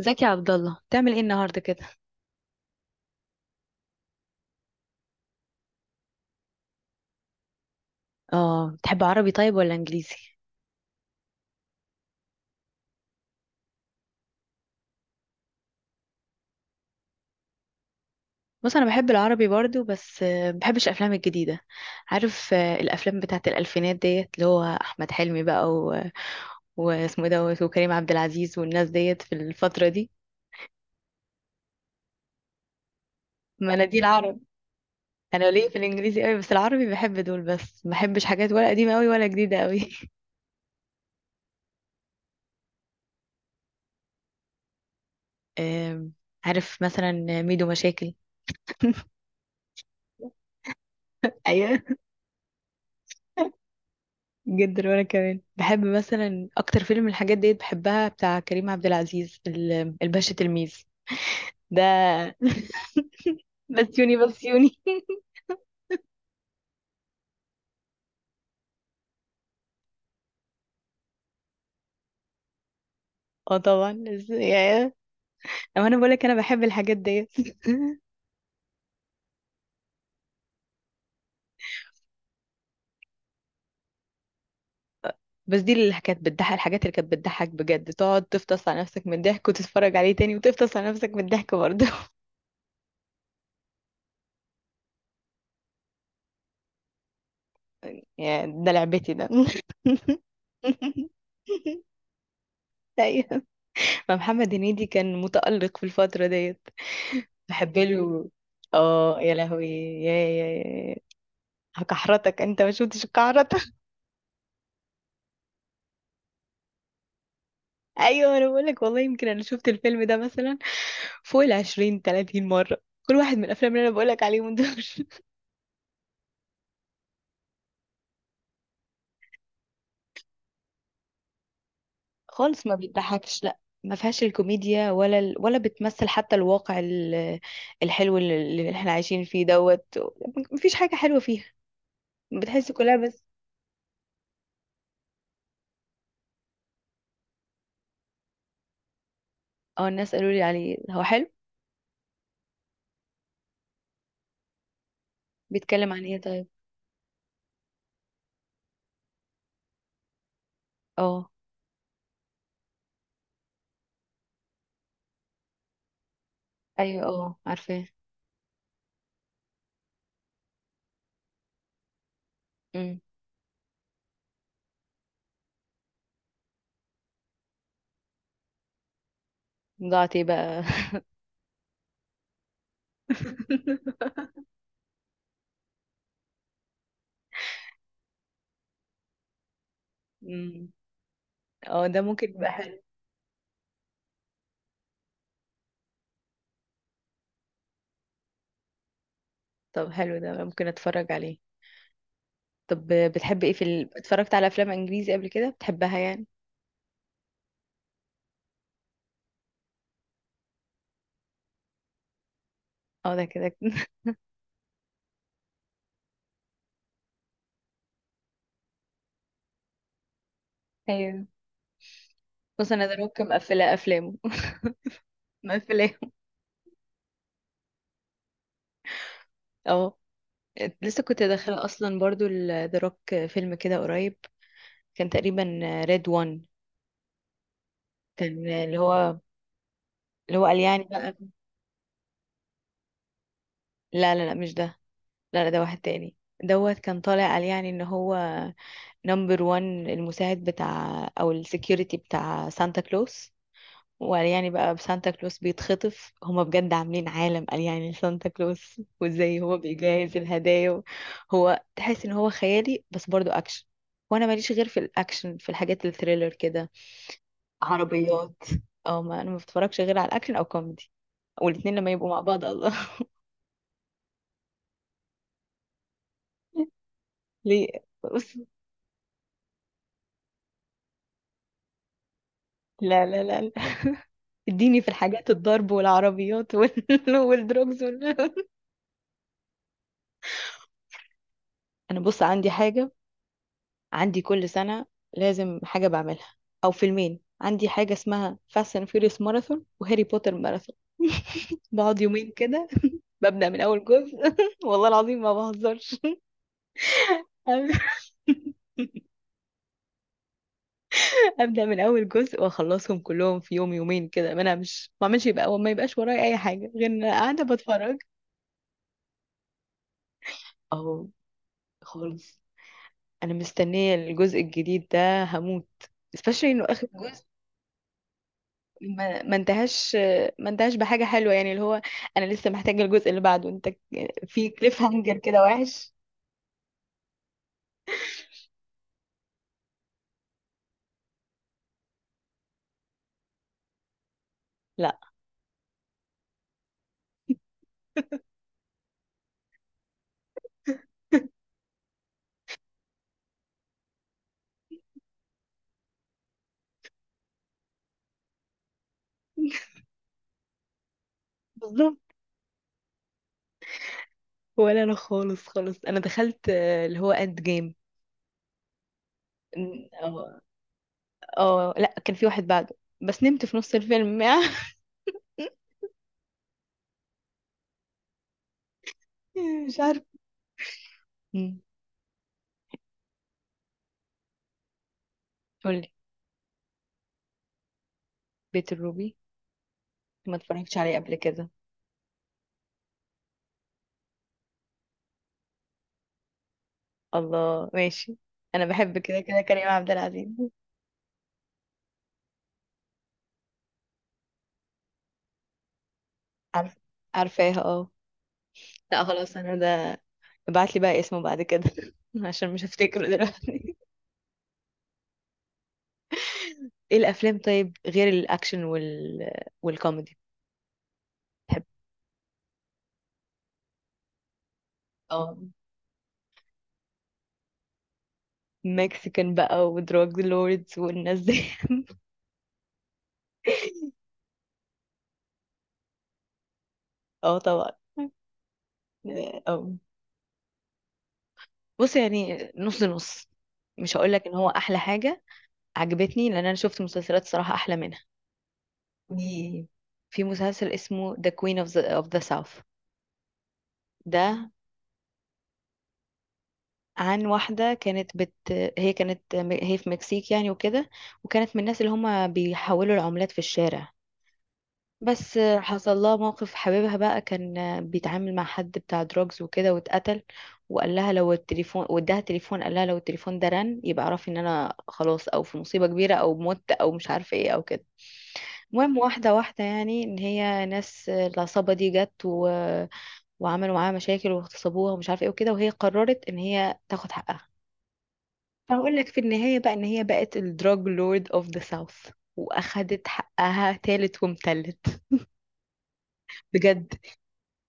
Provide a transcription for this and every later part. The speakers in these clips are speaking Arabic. ازيك يا عبد الله؟ بتعمل ايه النهارده كده؟ اه، بتحب عربي طيب ولا انجليزي؟ بص، انا بحب العربي برضو بس بحبش الافلام الجديده. عارف، الافلام بتاعت الالفينات ديت، اللي هو احمد حلمي بقى واسمه دوت، وكريم عبد العزيز، والناس ديت في الفتره دي. ما انا دي العرب. انا ليه في الانجليزي قوي، بس العربي بحب دول بس، ما بحبش حاجات ولا قديمه قوي ولا جديده قوي. آم، عارف مثلا ميدو مشاكل. ايوه، جدا. وانا كمان بحب مثلا اكتر فيلم الحاجات ديت بحبها بتاع كريم عبد العزيز، الباشا تلميذ ده. بسيوني بسيوني. اه طبعا، اما انا بقولك انا بحب الحاجات ديت. بس دي اللي كانت بتضحك، الحاجات اللي كانت بتضحك بجد، تقعد تفطس على نفسك من الضحك، وتتفرج عليه تاني وتفطس على نفسك من الضحك برضه. يا ده لعبتي ده. ايوه، ما محمد هنيدي كان متألق في الفترة ديت. بحب له. اه يا لهوي، يا يا يا هكحرتك، انت ما شفتش الكحرتة. ايوه، انا بقولك والله، يمكن انا شفت الفيلم ده مثلا فوق 20-30 مرة، كل واحد من الافلام اللي انا بقولك عليهم دول. خالص ما بيضحكش، لا ما فيهاش الكوميديا ولا ولا بتمثل حتى الواقع الحلو اللي احنا عايشين فيه دوت. مفيش حاجة حلوة فيها، بتحس كلها بس. اه، الناس قالوا لي عليه هو حلو. بيتكلم عن ايه طيب؟ اه، ايوه، اه، عارفاه. ضاعت ايه بقى؟ مم. اه، ده ممكن يبقى حلو. طب حلو، ده ممكن اتفرج عليه. طب بتحب ايه في اتفرجت على افلام انجليزي قبل كده بتحبها يعني؟ اه ده كده. ايوه. بص، انا ذا روك مقفله افلامه. مقفلاه. اه، لسه كنت داخله اصلا برضو ذا روك فيلم كده قريب، كان تقريبا ريد وان، كان اللي هو قال يعني بقى، لا لا لا مش ده. لا لا، ده واحد تاني. دوت كان طالع قال يعني ان هو نمبر 1، المساعد بتاع او السكيورتي بتاع سانتا كلوس. وقال يعني بقى سانتا كلوس بيتخطف، هما بجد عاملين عالم، قال يعني سانتا كلوس وازاي هو بيجهز الهدايا هو تحس ان هو خيالي بس برضو اكشن. وانا ماليش غير في الاكشن، في الحاجات الثريلر كده، عربيات. او ما انا ما بتفرجش غير على الاكشن او كوميدي، والاتنين لما يبقوا مع بعض الله. ليه؟ بص، لا لا لا لا. اديني في الحاجات الضرب والعربيات والدروجز انا بص عندي حاجة، عندي كل سنة لازم حاجة بعملها أو فيلمين، عندي حاجة اسمها فاست اند فيوريوس ماراثون وهاري بوتر ماراثون. بقعد يومين كده، ببدأ من أول جزء. والله العظيم ما بهزرش. أبدأ من أول جزء وأخلصهم كلهم في يوم يومين كده، ما أنامش ما أعملش، يبقى ما يبقاش ورايا أي حاجة غير إن أنا قاعدة بتفرج. أهو. خالص. أنا مستنية الجزء الجديد ده، هموت especially إنه آخر جزء. ما انتهاش، ما انتهاش بحاجة حلوة يعني اللي هو، انا لسه محتاجة الجزء اللي بعده. انت في كليف هانجر كده وحش. لا. بالظبط. ولا انا خالص خالص، انا دخلت اللي هو اند جيم. اه، لا كان في واحد بعده، بس نمت في نص الفيلم. مش عارفه. مم. قولي. بيت الروبي. ما اتفرجتش عليه قبل كده. الله، ماشي. انا بحب كده كده كريم عبد العزيز. عارف، عارفاها اه. لا خلاص، انا ده. ابعت لي بقى اسمه بعد كده عشان مش هفتكره دلوقتي. ايه الافلام طيب غير الاكشن والكوميدي؟ بحب. اه، مكسيكان بقى ودراج لوردز والناس دي. اه طبعا، اه. بص، يعني نص نص. مش هقول لك ان هو احلى حاجه، عجبتني لان انا شفت مسلسلات صراحه احلى منها. في في مسلسل اسمه The Queen of the South. ده عن واحدة كانت هي في مكسيك يعني وكده، وكانت من الناس اللي هما بيحولوا العملات في الشارع. بس حصل لها موقف، حبيبها بقى كان بيتعامل مع حد بتاع دروجز وكده واتقتل. وقال لها لو التليفون، واداها تليفون، قال لها لو التليفون ده رن يبقى اعرفي ان انا خلاص، او في مصيبة كبيرة، او مت، او مش عارفة ايه او كده. المهم، واحدة واحدة يعني، ان هي ناس العصابة دي جت وعملوا معاها مشاكل واغتصبوها ومش عارفة ايه وكده، وهي قررت ان هي تاخد حقها. هقول لك في النهاية بقى، إن هي بقت الدراج لورد أوف ذا ساوث، وأخدت حقها تالت ومتلت. بجد،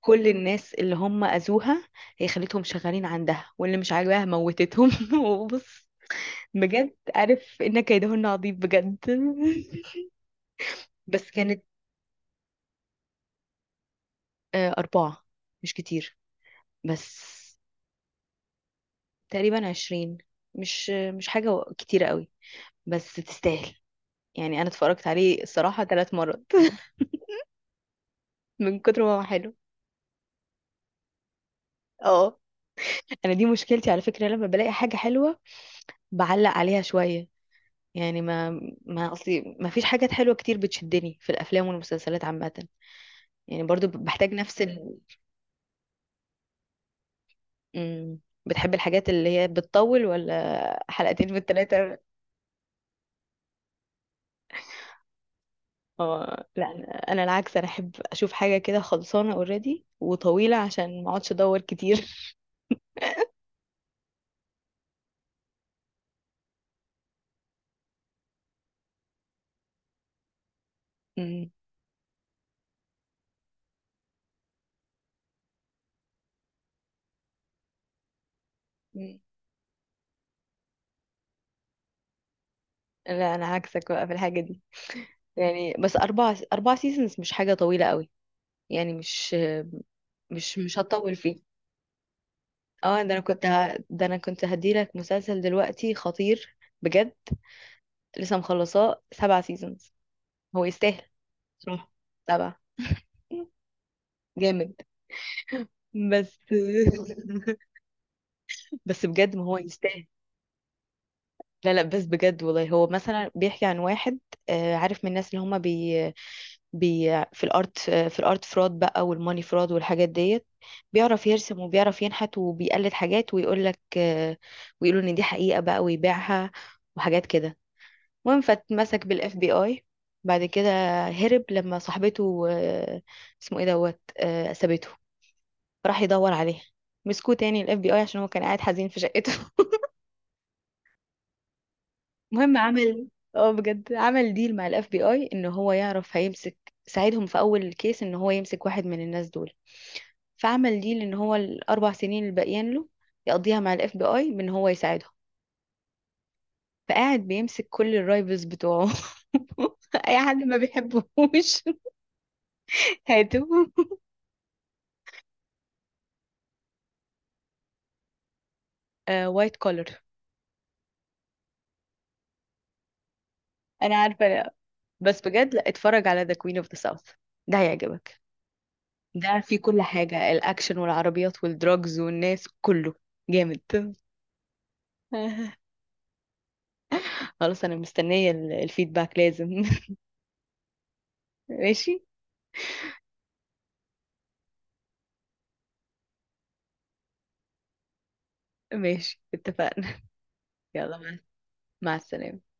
كل الناس اللي هم أذوها هي خلتهم شغالين عندها، واللي مش عاجباها موتتهم. وبص، بجد عارف إن كيدهن عظيم بجد. بس كانت 4، مش كتير. بس تقريبا 20، مش حاجة كتيرة قوي، بس تستاهل. يعني أنا اتفرجت عليه الصراحة 3 مرات من كتر ما هو حلو. اه، انا دي مشكلتي على فكره، لما بلاقي حاجه حلوه بعلق عليها شويه، يعني ما اصلي ما فيش حاجات حلوه كتير بتشدني في الافلام والمسلسلات عامه، يعني برضو بحتاج نفس مم. بتحب الحاجات اللي هي بتطول ولا حلقتين بالثلاثه؟ اه لا، انا. أنا العكس، انا احب اشوف حاجه كده خلصانه اوريدي وطويله عشان ما اقعدش ادور كتير. مم. مم. لا، انا عكسك بقى في الحاجه دي، يعني بس اربع سيزونز مش حاجه طويله قوي، يعني مش هتطول فيه. اه ده انا كنت ده انا كنت هديلك مسلسل دلوقتي خطير بجد، لسه مخلصاه 7 سيزونز. هو يستاهل، صح، 7. جامد بس. بس بجد، ما هو يستاهل. لا لا، بس بجد والله، هو مثلا بيحكي عن واحد، عارف، من الناس اللي هما بي في الارت فراد بقى، والماني فراد والحاجات ديت. بيعرف يرسم وبيعرف ينحت وبيقلد حاجات، ويقول لك ويقولوا ان دي حقيقة بقى، ويبيعها، وحاجات كده. المهم، فاتمسك بالاف بي اي. بعد كده هرب لما صاحبته، اسمه ايه دوت، سابته، راح يدور عليها، مسكوه تاني الاف بي اي عشان هو كان قاعد حزين في شقته. المهم، عمل اه بجد، عمل ديل مع الاف بي اي ان هو يعرف هيمسك، ساعدهم في اول كيس ان هو يمسك واحد من الناس دول، فعمل ديل ان هو ال4 سنين اللي باقيين له يقضيها مع الاف بي اي بان هو يساعدهم. فقاعد بيمسك كل الرايفلز بتوعه. اي حد ما بيحبهوش هاتوا. وايت كولر. انا عارفه. لا. بس بجد، لا اتفرج على ذا كوين اوف ذا ساوث، ده هيعجبك. ده فيه كل حاجة، الأكشن والعربيات والدراجز والناس كله. جامد. خلاص، أنا مستنية الفيدباك لازم. ماشي. ماشي اتفقنا. يلا، مع السلامة.